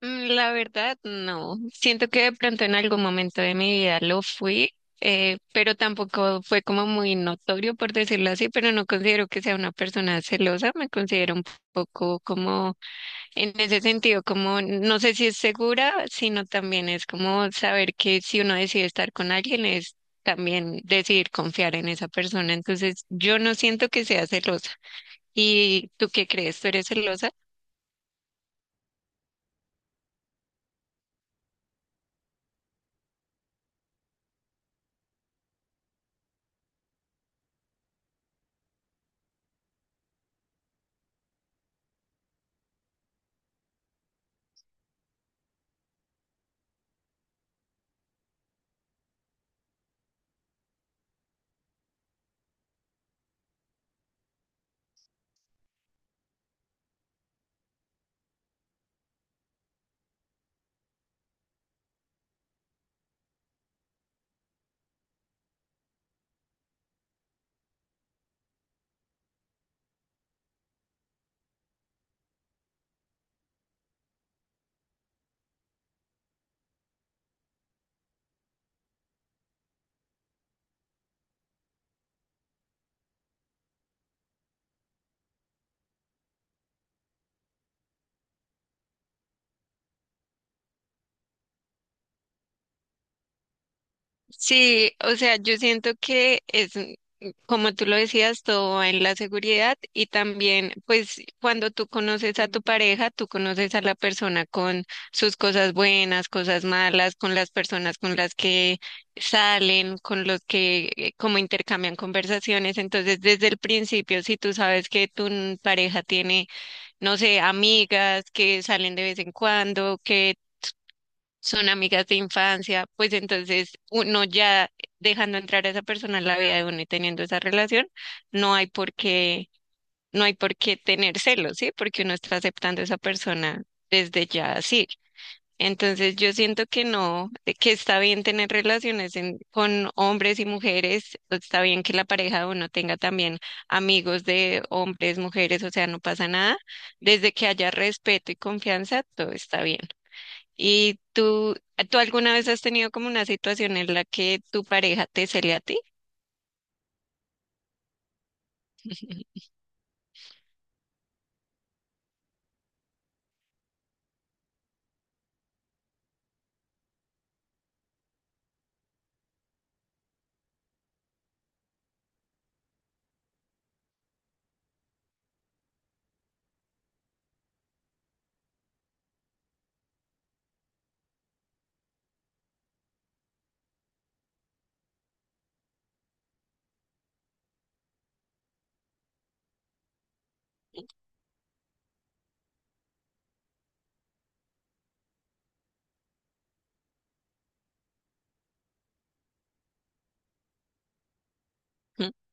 La verdad, no. Siento que de pronto en algún momento de mi vida lo fui. Pero tampoco fue como muy notorio, por decirlo así, pero no considero que sea una persona celosa. Me considero un poco como, en ese sentido, como, no sé si es segura, sino también es como saber que si uno decide estar con alguien es también decidir confiar en esa persona. Entonces, yo no siento que sea celosa. ¿Y tú qué crees? ¿Tú eres celosa? Sí, o sea, yo siento que es, como tú lo decías, todo va en la seguridad y también, pues, cuando tú conoces a tu pareja, tú conoces a la persona con sus cosas buenas, cosas malas, con las personas con las que salen, con los que como intercambian conversaciones. Entonces, desde el principio, si tú sabes que tu pareja tiene, no sé, amigas que salen de vez en cuando, que son amigas de infancia, pues entonces uno ya dejando entrar a esa persona en la vida de uno y teniendo esa relación, no hay por qué, no hay por qué tener celos, ¿sí? Porque uno está aceptando a esa persona desde ya así. Entonces yo siento que no, de que está bien tener relaciones en- con hombres y mujeres, está bien que la pareja de uno tenga también amigos de hombres, mujeres, o sea, no pasa nada. Desde que haya respeto y confianza, todo está bien. ¿Y tú alguna vez has tenido como una situación en la que tu pareja te cele a ti?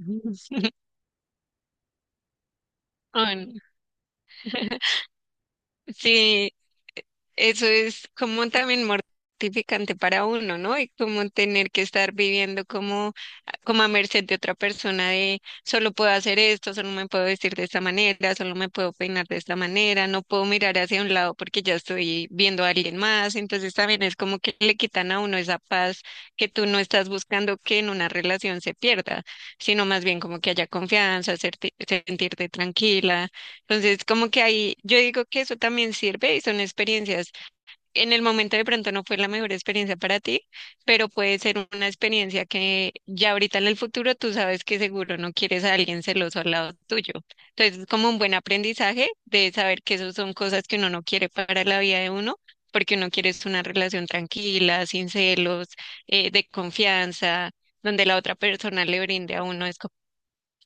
Mm. Ah, no. Sí, eso es como también mortificante para uno, ¿no? Y como tener que estar viviendo como, como a merced de otra persona de solo puedo hacer esto, solo me puedo vestir de esta manera, solo me puedo peinar de esta manera, no puedo mirar hacia un lado porque ya estoy viendo a alguien más. Entonces también es como que le quitan a uno esa paz que tú no estás buscando que en una relación se pierda, sino más bien como que haya confianza, serte- sentirte tranquila. Entonces, como que ahí, yo digo que eso también sirve y son experiencias en el momento de pronto no fue la mejor experiencia para ti, pero puede ser una experiencia que ya ahorita en el futuro tú sabes que seguro no quieres a alguien celoso al lado tuyo. Entonces es como un buen aprendizaje de saber que esas son cosas que uno no quiere para la vida de uno, porque uno quiere es una relación tranquila, sin celos, de confianza, donde la otra persona le brinde a uno es co-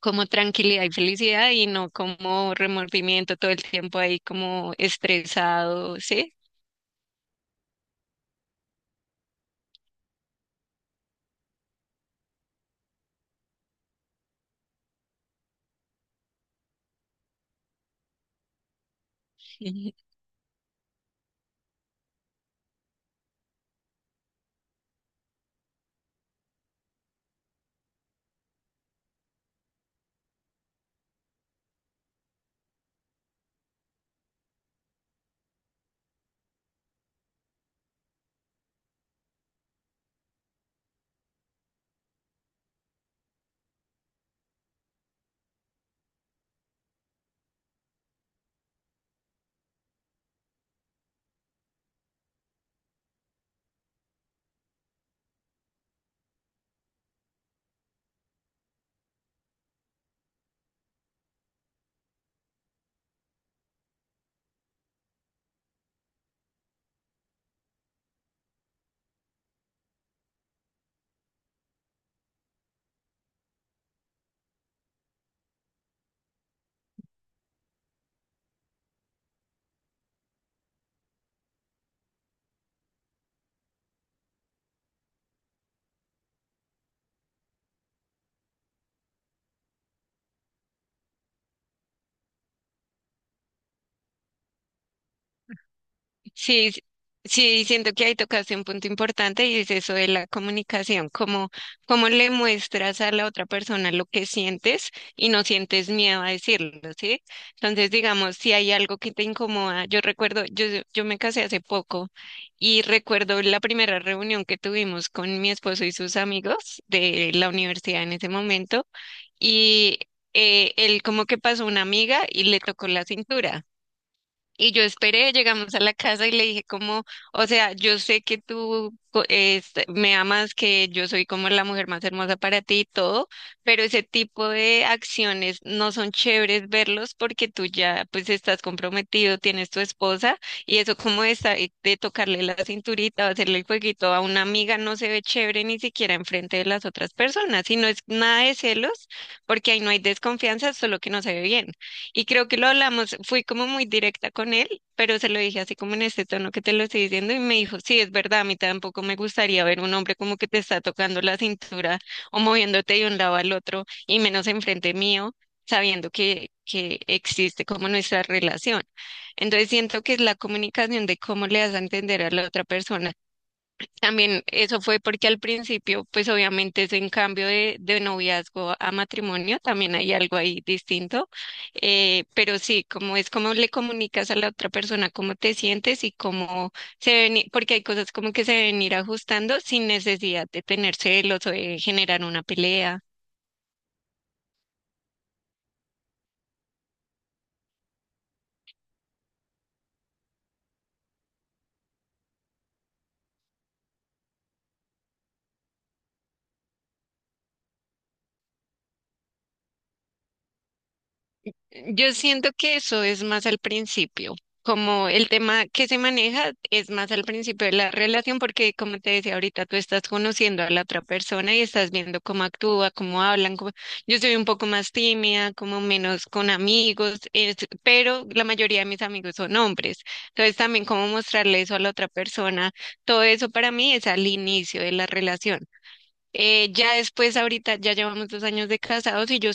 como tranquilidad y felicidad y no como remordimiento todo el tiempo ahí como estresado, ¿sí? Sí, sí, siento que ahí tocaste un punto importante y es eso de la comunicación, cómo, cómo le muestras a la otra persona lo que sientes y no sientes miedo a decirlo, ¿sí? Entonces, digamos, si hay algo que te incomoda, yo recuerdo, yo me casé hace poco y recuerdo la primera reunión que tuvimos con mi esposo y sus amigos de la universidad en ese momento y él como que pasó una amiga y le tocó la cintura. Y yo esperé, llegamos a la casa y le dije como, o sea, yo sé que tú co- es- me amas, que yo soy como la mujer más hermosa para ti y todo, pero ese tipo de acciones no son chéveres verlos porque tú ya pues estás comprometido, tienes tu esposa y eso como de, sa- de tocarle la cinturita o hacerle el jueguito a una amiga no se ve chévere ni siquiera enfrente de las otras personas y no es nada de celos porque ahí no hay desconfianza, solo que no se ve bien. Y creo que lo hablamos, fui como muy directa con él, pero se lo dije así como en este tono que te lo estoy diciendo y me dijo, sí, es verdad, a mí tampoco me gustaría ver un hombre como que te está tocando la cintura o moviéndote de un lado al otro y menos enfrente mío, sabiendo que existe como nuestra relación. Entonces siento que es la comunicación de cómo le das a entender a la otra persona también eso fue porque al principio, pues obviamente es en cambio de noviazgo a matrimonio, también hay algo ahí distinto, pero sí, como es como le comunicas a la otra persona cómo te sientes y cómo se ven, i- porque hay cosas como que se deben ir ajustando sin necesidad de tener celos o de generar una pelea. Yo siento que eso es más al principio, como el tema que se maneja es más al principio de la relación, porque como te decía ahorita, tú estás conociendo a la otra persona y estás viendo cómo actúa, cómo hablan. Cómo- Yo soy un poco más tímida, como menos con amigos, es- pero la mayoría de mis amigos son hombres. Entonces también cómo mostrarle eso a la otra persona, todo eso para mí es al inicio de la relación. Ya después, ahorita ya llevamos 2 años de casados y yo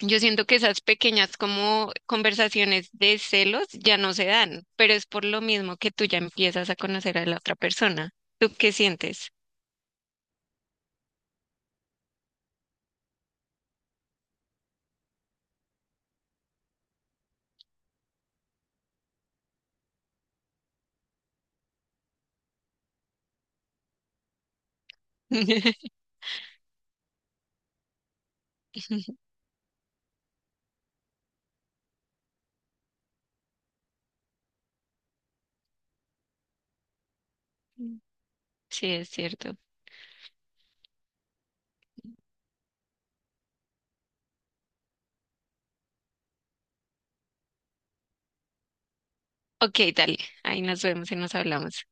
yo siento que esas pequeñas como conversaciones de celos ya no se dan, pero es por lo mismo que tú ya empiezas a conocer a la otra persona. ¿Tú qué sientes? Sí, es cierto. Ok, dale. Ahí nos vemos y nos hablamos.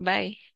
Bye.